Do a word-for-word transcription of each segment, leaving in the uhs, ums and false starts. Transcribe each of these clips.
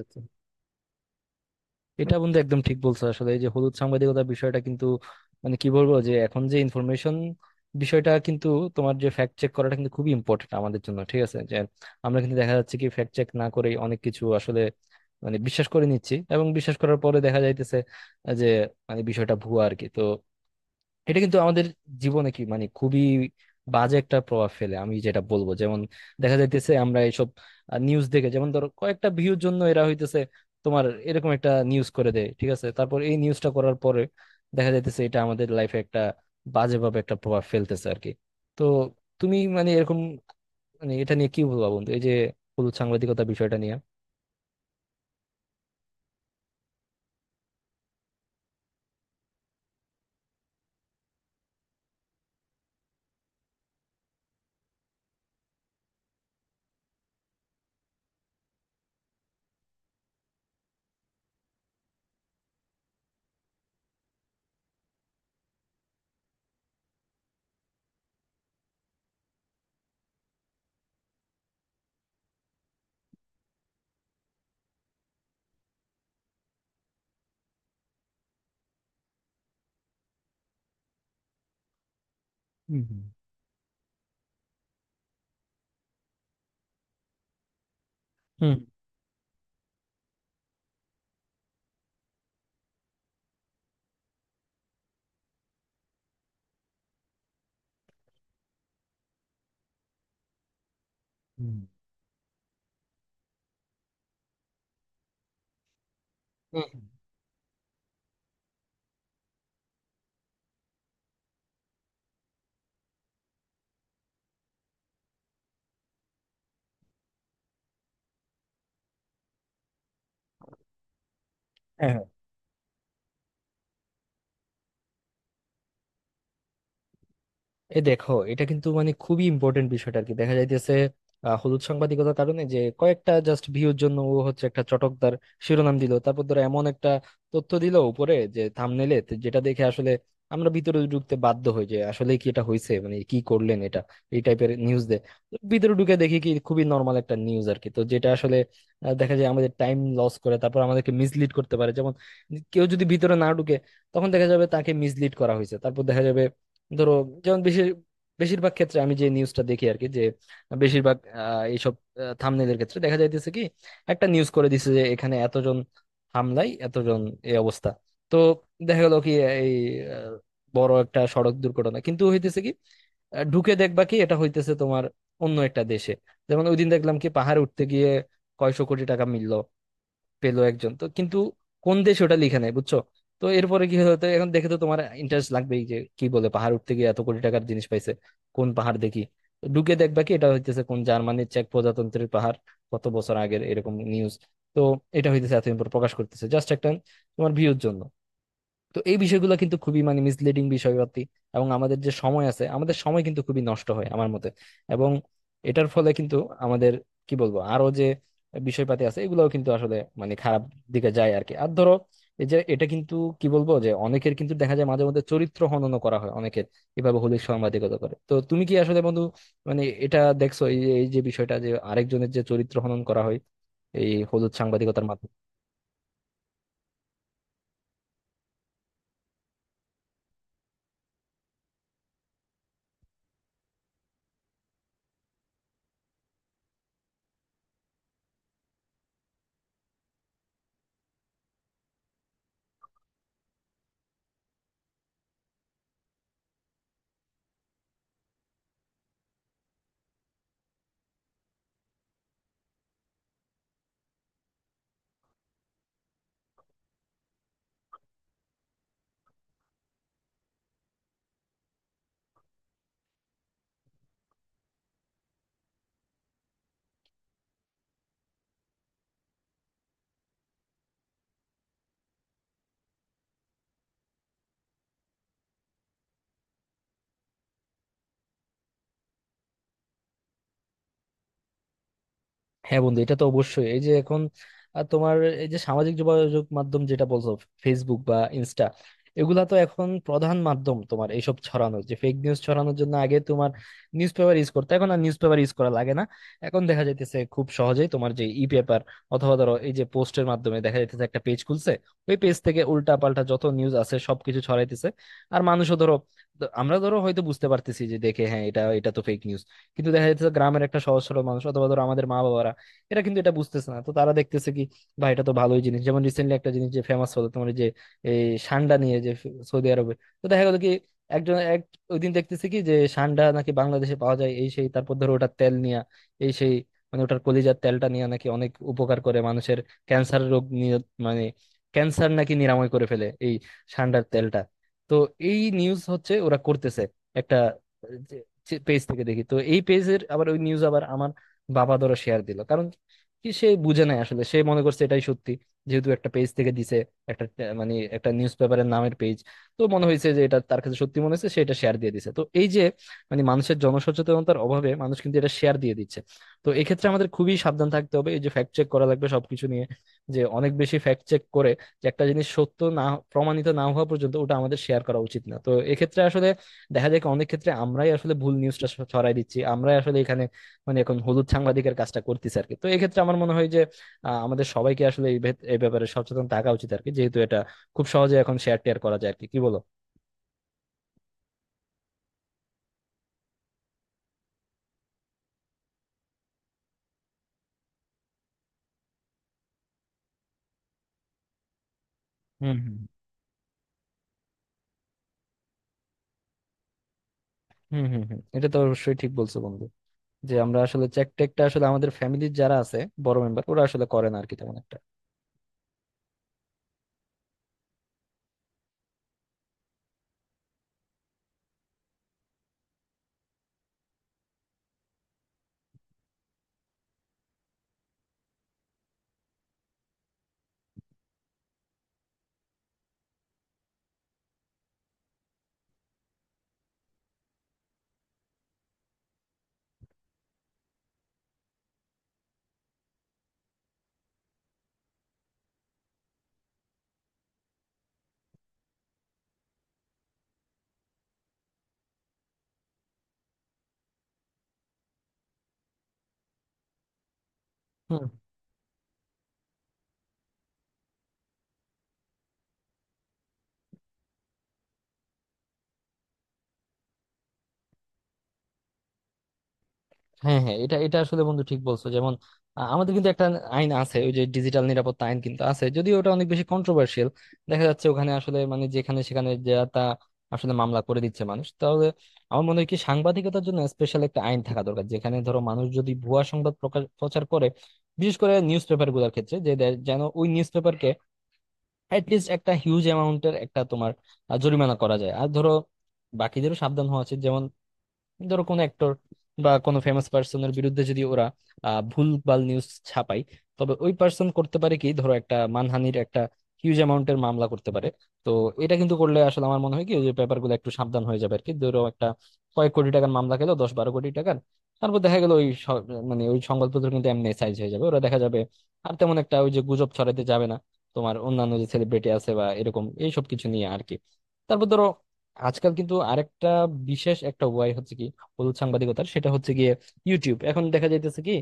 আচ্ছা। এটা বন্ধু একদম ঠিক বলছো। আসলে এই যে হলুদ সাংবাদিকতার বিষয়টা কিন্তু মানে কি বলবো, যে এখন যে ইনফরমেশন বিষয়টা কিন্তু, তোমার যে ফ্যাক্ট চেক করাটা কিন্তু খুবই ইম্পর্টেন্ট আমাদের জন্য। ঠিক আছে, যে আমরা কিন্তু দেখা যাচ্ছে কি ফ্যাক্ট চেক না করেই অনেক কিছু আসলে মানে বিশ্বাস করে নিচ্ছি, এবং বিশ্বাস করার পরে দেখা যাইতেছে যে মানে বিষয়টা ভুয়া আর কি। তো এটা কিন্তু আমাদের জীবনে কি মানে খুবই বাজে একটা প্রভাব ফেলে। আমি যেটা বলবো যেমন, দেখা যাইতেছে আমরা এইসব নিউজ দেখে, যেমন ধরো কয়েকটা ভিউর জন্য এরা হইতেছে তোমার এরকম একটা নিউজ করে দেয়। ঠিক আছে, তারপর এই নিউজটা করার পরে দেখা যাইতেছে এটা আমাদের লাইফে একটা বাজেভাবে একটা প্রভাব ফেলতেছে আর কি। তো তুমি মানে এরকম মানে এটা নিয়ে কি বলবা বন্ধু, এই যে হলুদ সাংবাদিকতা বিষয়টা নিয়ে? হুম হুম হুম হুম। হুম এই দেখো, এটা কিন্তু মানে খুবই ইম্পর্টেন্ট বিষয়টা আর কি। দেখা যাইতেছে আহ, হলুদ সাংবাদিকতার কারণে যে কয়েকটা জাস্ট ভিউর জন্য ও হচ্ছে একটা চটকদার শিরোনাম দিল, তারপর ধরো এমন একটা তথ্য দিল উপরে যে থাম্বনেইলে, যেটা দেখে আসলে আমরা ভিতরে ঢুকতে বাধ্য হই, যে আসলে কি এটা হয়েছে, মানে কি করলেন এটা, এই টাইপের নিউজ দে ভিতরে ঢুকে দেখি কি খুবই নর্মাল একটা নিউজ আর কি। তো যেটা আসলে আহ, দেখা যায় আমাদের টাইম লস করে, তারপর আমাদেরকে মিসলিড করতে পারে। যেমন কেউ যদি ভিতরে না ঢুকে, তখন দেখা যাবে তাকে মিসলিড করা হয়েছে। তারপর দেখা যাবে ধরো, যেমন বেশি বেশিরভাগ ক্ষেত্রে আমি যে নিউজটা দেখি আর কি, যে বেশিরভাগ আহ, এইসব থাম্বনেলের ক্ষেত্রে দেখা যাইতেছে কি একটা নিউজ করে দিছে যে এখানে এতজন হামলায় এতজন এই অবস্থা। তো দেখা গেল কি এই আহ, বড় একটা সড়ক দুর্ঘটনা কিন্তু হইতেছে কি, আহ, ঢুকে দেখবা কি এটা হইতেছে তোমার অন্য একটা দেশে। যেমন ওইদিন দেখলাম কি পাহাড়ে উঠতে গিয়ে কয়শো কোটি টাকা মিলল, পেলো একজন, তো কিন্তু কোন দেশে ওটা লিখে নাই, বুঝছো। তো এরপরে কি হলো, তো এখন দেখে তো তোমার ইন্টারেস্ট লাগবেই যে কি বলে, পাহাড় উঠতে গিয়ে এত কোটি টাকার জিনিস পাইছে, কোন পাহাড় দেখি। তো ঢুকে দেখবা কি এটা হইতেছে কোন জার্মানির চেক প্রজাতন্ত্রের পাহাড়, কত বছর আগের এরকম নিউজ। তো এটা হইতেছে এতদিন পর প্রকাশ করতেছে জাস্ট একটা তোমার ভিউর জন্য। তো এই বিষয়গুলো কিন্তু খুবই মানে মিসলিডিং বিষয়পাতি, এবং আমাদের যে সময় আছে আমাদের সময় কিন্তু খুবই নষ্ট হয় আমার মতে। এবং এটার ফলে কিন্তু আমাদের কি বলবো, আরো যে বিষয়পাতি আছে এগুলোও কিন্তু আসলে মানে খারাপ দিকে যায় আর কি। আর ধরো এই যে এটা কিন্তু কি বলবো, যে অনেকের কিন্তু দেখা যায় মাঝে মধ্যে চরিত্র হনন করা হয় অনেকের, এভাবে হলির সাংবাদিকতা করে। তো তুমি কি আসলে বন্ধু মানে এটা দেখছো, এই যে এই যে বিষয়টা যে আরেকজনের যে চরিত্র হনন করা হয় এই হলুদ সাংবাদিকতার মাধ্যমে? হ্যাঁ বন্ধু, এটা তো অবশ্যই। এই যে এখন আহ, তোমার এই যে সামাজিক যোগাযোগ মাধ্যম যেটা বলছো, ফেসবুক বা ইনস্টা, এগুলা তো এখন প্রধান মাধ্যম তোমার এইসব ছড়ানোর, যে ফেক নিউজ ছড়ানোর জন্য। আগে তোমার নিউজ পেপার ইউজ করতে, এখন আর নিউজ পেপার ইউজ করা লাগে না। এখন দেখা যাইতেছে খুব সহজেই তোমার যে ই পেপার অথবা ধরো এই যে পোস্টের মাধ্যমে দেখা যাইতেছে একটা পেজ খুলছে, ওই পেজ থেকে উল্টা পাল্টা যত নিউজ আছে সবকিছু ছড়াইতেছে। আর মানুষও ধরো, দ- আমরা ধরো হয়তো বুঝতে পারতেছি যে দেখে, হ্যাঁ এটা এটা তো ফেক নিউজ, কিন্তু দেখা যাচ্ছে গ্রামের একটা সহজ সরল মানুষ অথবা ধরো আমাদের মা বাবারা এরা কিন্তু এটা বুঝতেছে না। তো তারা দেখতেছে কি, ভাই এটা তো ভালোই জিনিস। যেমন রিসেন্টলি একটা জিনিস যে ফেমাস হলো তোমার, এই যে এই সান্ডা নিয়ে যে, সৌদি আরবে। তো দেখা গেলো কি একজন এক ওই দিন দেখতেছে কি যে সান্ডা নাকি বাংলাদেশে পাওয়া যায়, এই সেই, তারপর ধরো ওটার তেল নিয়ে এই সেই, মানে ওটার কলিজার তেলটা নিয়ে নাকি অনেক উপকার করে মানুষের, ক্যান্সার রোগ নিয়ে, মানে ক্যান্সার নাকি নিরাময় করে ফেলে এই সান্ডার তেলটা। তো এই নিউজ হচ্ছে ওরা করতেছে একটা পেজ থেকে, দেখি তো এই পেজের আবার ওই নিউজ আবার আমার বাবা ধরো শেয়ার দিল। কারণ কি, সে বুঝে নাই আসলে, সে মনে করছে এটাই সত্যি, যেহেতু একটা পেজ থেকে দিছে, একটা ট- মানে একটা নিউজ পেপারের নামের পেজ, তো মনে হয়েছে যে এটা তার কাছে সত্যি মনে হয়েছে, সে এটা শেয়ার দিয়ে দিছে। তো এই যে মানে মানুষের জনসচেতনতার অভাবে মানুষ কিন্তু এটা শেয়ার দিয়ে দিচ্ছে। তো এক্ষেত্রে আমাদের খুবই সাবধান থাকতে হবে, এই যে ফ্যাক্ট চেক করা লাগবে সবকিছু নিয়ে, যে অনেক বেশি ফ্যাক্ট চেক করে, যে একটা জিনিস সত্য না প্রমাণিত না হওয়া পর্যন্ত ওটা আমাদের শেয়ার করা উচিত না। তো এক্ষেত্রে আসলে দেখা যায় কি, অনেক ক্ষেত্রে আমরাই আসলে ভুল নিউজটা ছড়াই দিচ্ছি, আমরাই আসলে এখানে মানে এখন হলুদ সাংবাদিকের কাজটা করতেছে আর কি। তো এক্ষেত্রে আমার মনে হয় যে আহ, আমাদের সবাইকে আসলে এই ভেত- এই ব্যাপারে সচেতন থাকা উচিত আর কি, যেহেতু এটা খুব সহজে এখন শেয়ার টেয়ার করা যায় আর কি। কি বলো? হুম হুম হুম হুম হুম এটা তো অবশ্যই ঠিক বলছো বন্ধু, যে আমরা আসলে চেক টেকটা আসলে আমাদের ফ্যামিলির যারা আছে বড় মেম্বার ওরা আসলে করে না আর কি তেমন একটা। হুম হ্যাঁ হ্যাঁ, এটা এটা আসলে বন্ধু ঠিক বলছো। যেমন আ, আমাদের কিন্তু একটা আইন আছে, ওই যে ডিজিটাল নিরাপত্তা আইন কিন্তু আছে, যদিও ওটা অনেক বেশি কন্ট্রোভার্সিয়াল। দেখা যাচ্ছে ওখানে আসলে মানে যেখানে সেখানে যা তা আসলে মামলা করে দিচ্ছে মানুষ। তাহলে আমার মনে হয় কি, সাংবাদিকতার জন্য স্পেশাল একটা আইন থাকা দরকার, যেখানে ধরো মানুষ যদি ভুয়া সংবাদ প্রকাশ প্রচার করে, বিশেষ করে নিউজ পেপার গুলোর ক্ষেত্রে, যে দে- যেন ওই নিউজ পেপারকে অ্যাটলিস্ট একটা হিউজ অ্যামাউন্টের একটা তোমার আ, জরিমানা করা যায়। আর ধরো বাকিদেরও সাবধান হওয়া উচিত। যেমন ধরো কোনো অ্যাক্টর বা কোনো ফেমাস পার্সনের বিরুদ্ধে যদি ওরা আহ, ভুলভাল নিউজ ছাপায়, তবে ওই পার্সন করতে পারে কি ধরো একটা মানহানির একটা হিউজ অ্যামাউন্টের মামলা করতে পারে। তো এটা কিন্তু করলে আসলে আমার মনে হয় কি, ওই যে পেপারগুলো একটু সাবধান হয়ে যাবে আর কি। ধরো একটা কয়েক কোটি টাকার মামলা খেলো, দশ বারো কোটি টাকার, তারপর দেখা গেল ওই স- মানে ওই সংবাদপত্র কিন্তু এমনি সাইজ হয়ে যাবে, ওরা দেখা যাবে আর তেমন একটা ওই যে গুজব ছড়াতে যাবে না তোমার অন্যান্য যে সেলিব্রিটি আছে বা এরকম এইসব কিছু নিয়ে আর কি। তারপর ধরো, আজকাল কিন্তু আরেকটা বিশেষ একটা উপায় হচ্ছে কি হলুদ সাংবাদিকতার, সেটা হচ্ছে গিয়ে ইউটিউব। এখন দেখা যাইতেছে কি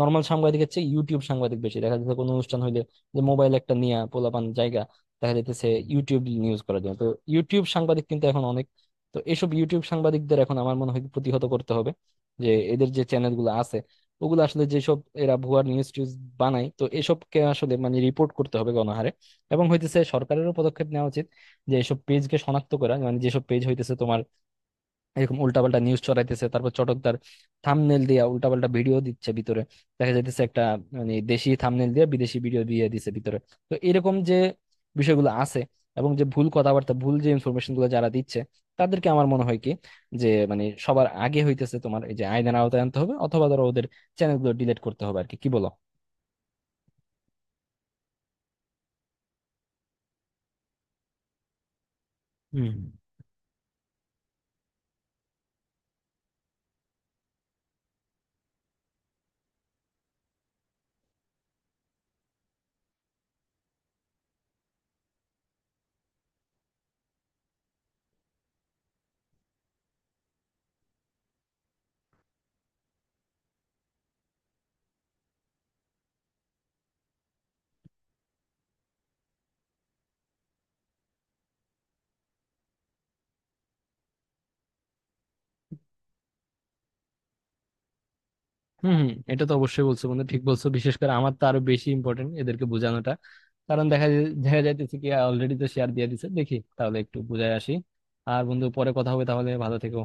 নর্মাল সাংবাদিকের চেয়ে ইউটিউব সাংবাদিক বেশি দেখা যাচ্ছে কোনো অনুষ্ঠান হইলে, যে মোবাইল একটা নিয়ে পোলাপান জায়গা দেখা যাইতেছে ইউটিউব নিউজ করার জন্য। তো ইউটিউব সাংবাদিক কিন্তু এখন অনেক। তো এসব ইউটিউব সাংবাদিকদের এখন আমার মনে হয় প্রতিহত করতে হবে, যে এদের যে চ্যানেল গুলো আছে ওগুলো আসলে, যেসব এরা ভুয়া নিউজ টিউজ বানায়, তো এসবকে আসলে মানে রিপোর্ট করতে হবে গণহারে। এবং হইতেছে সরকারেরও পদক্ষেপ নেওয়া উচিত, যে এসব পেজকে শনাক্ত করা, মানে যেসব পেজ হইতেছে তোমার এরকম উল্টাপাল্টা নিউজ ছড়াইতেছে, তারপর চটকদার থাম্বনেল দিয়া উল্টাপাল্টা ভিডিও দিচ্ছে ভিতরে, দেখা যাইতেছে একটা মানে দেশি থাম্বনেল দিয়ে বিদেশি ভিডিও দিয়ে দিছে ভিতরে। তো এরকম যে বিষয়গুলো আছে, এবং যে ভুল কথাবার্তা, ভুল যে ইনফরমেশন গুলো যারা দিচ্ছে, তাদেরকে আমার মনে হয় কি, যে মানে সবার আগে হইতেছে তোমার এই যে আইনের আওতায় আনতে হবে, অথবা ধরো ওদের চ্যানেলগুলো ডিলিট করতে হবে আর কি। কি বলো? হুম হম হম এটা তো অবশ্যই বলছো বন্ধু, ঠিক বলছো। বিশেষ করে আমার তো আরো বেশি ইম্পর্টেন্ট এদেরকে বোঝানোটা, কারণ দেখা যায়- দেখা যাইতেছে কি অলরেডি তো শেয়ার দিয়ে দিছে। দেখি তাহলে একটু বুঝায় আসি। আর বন্ধু পরে কথা হবে তাহলে, ভালো থেকো।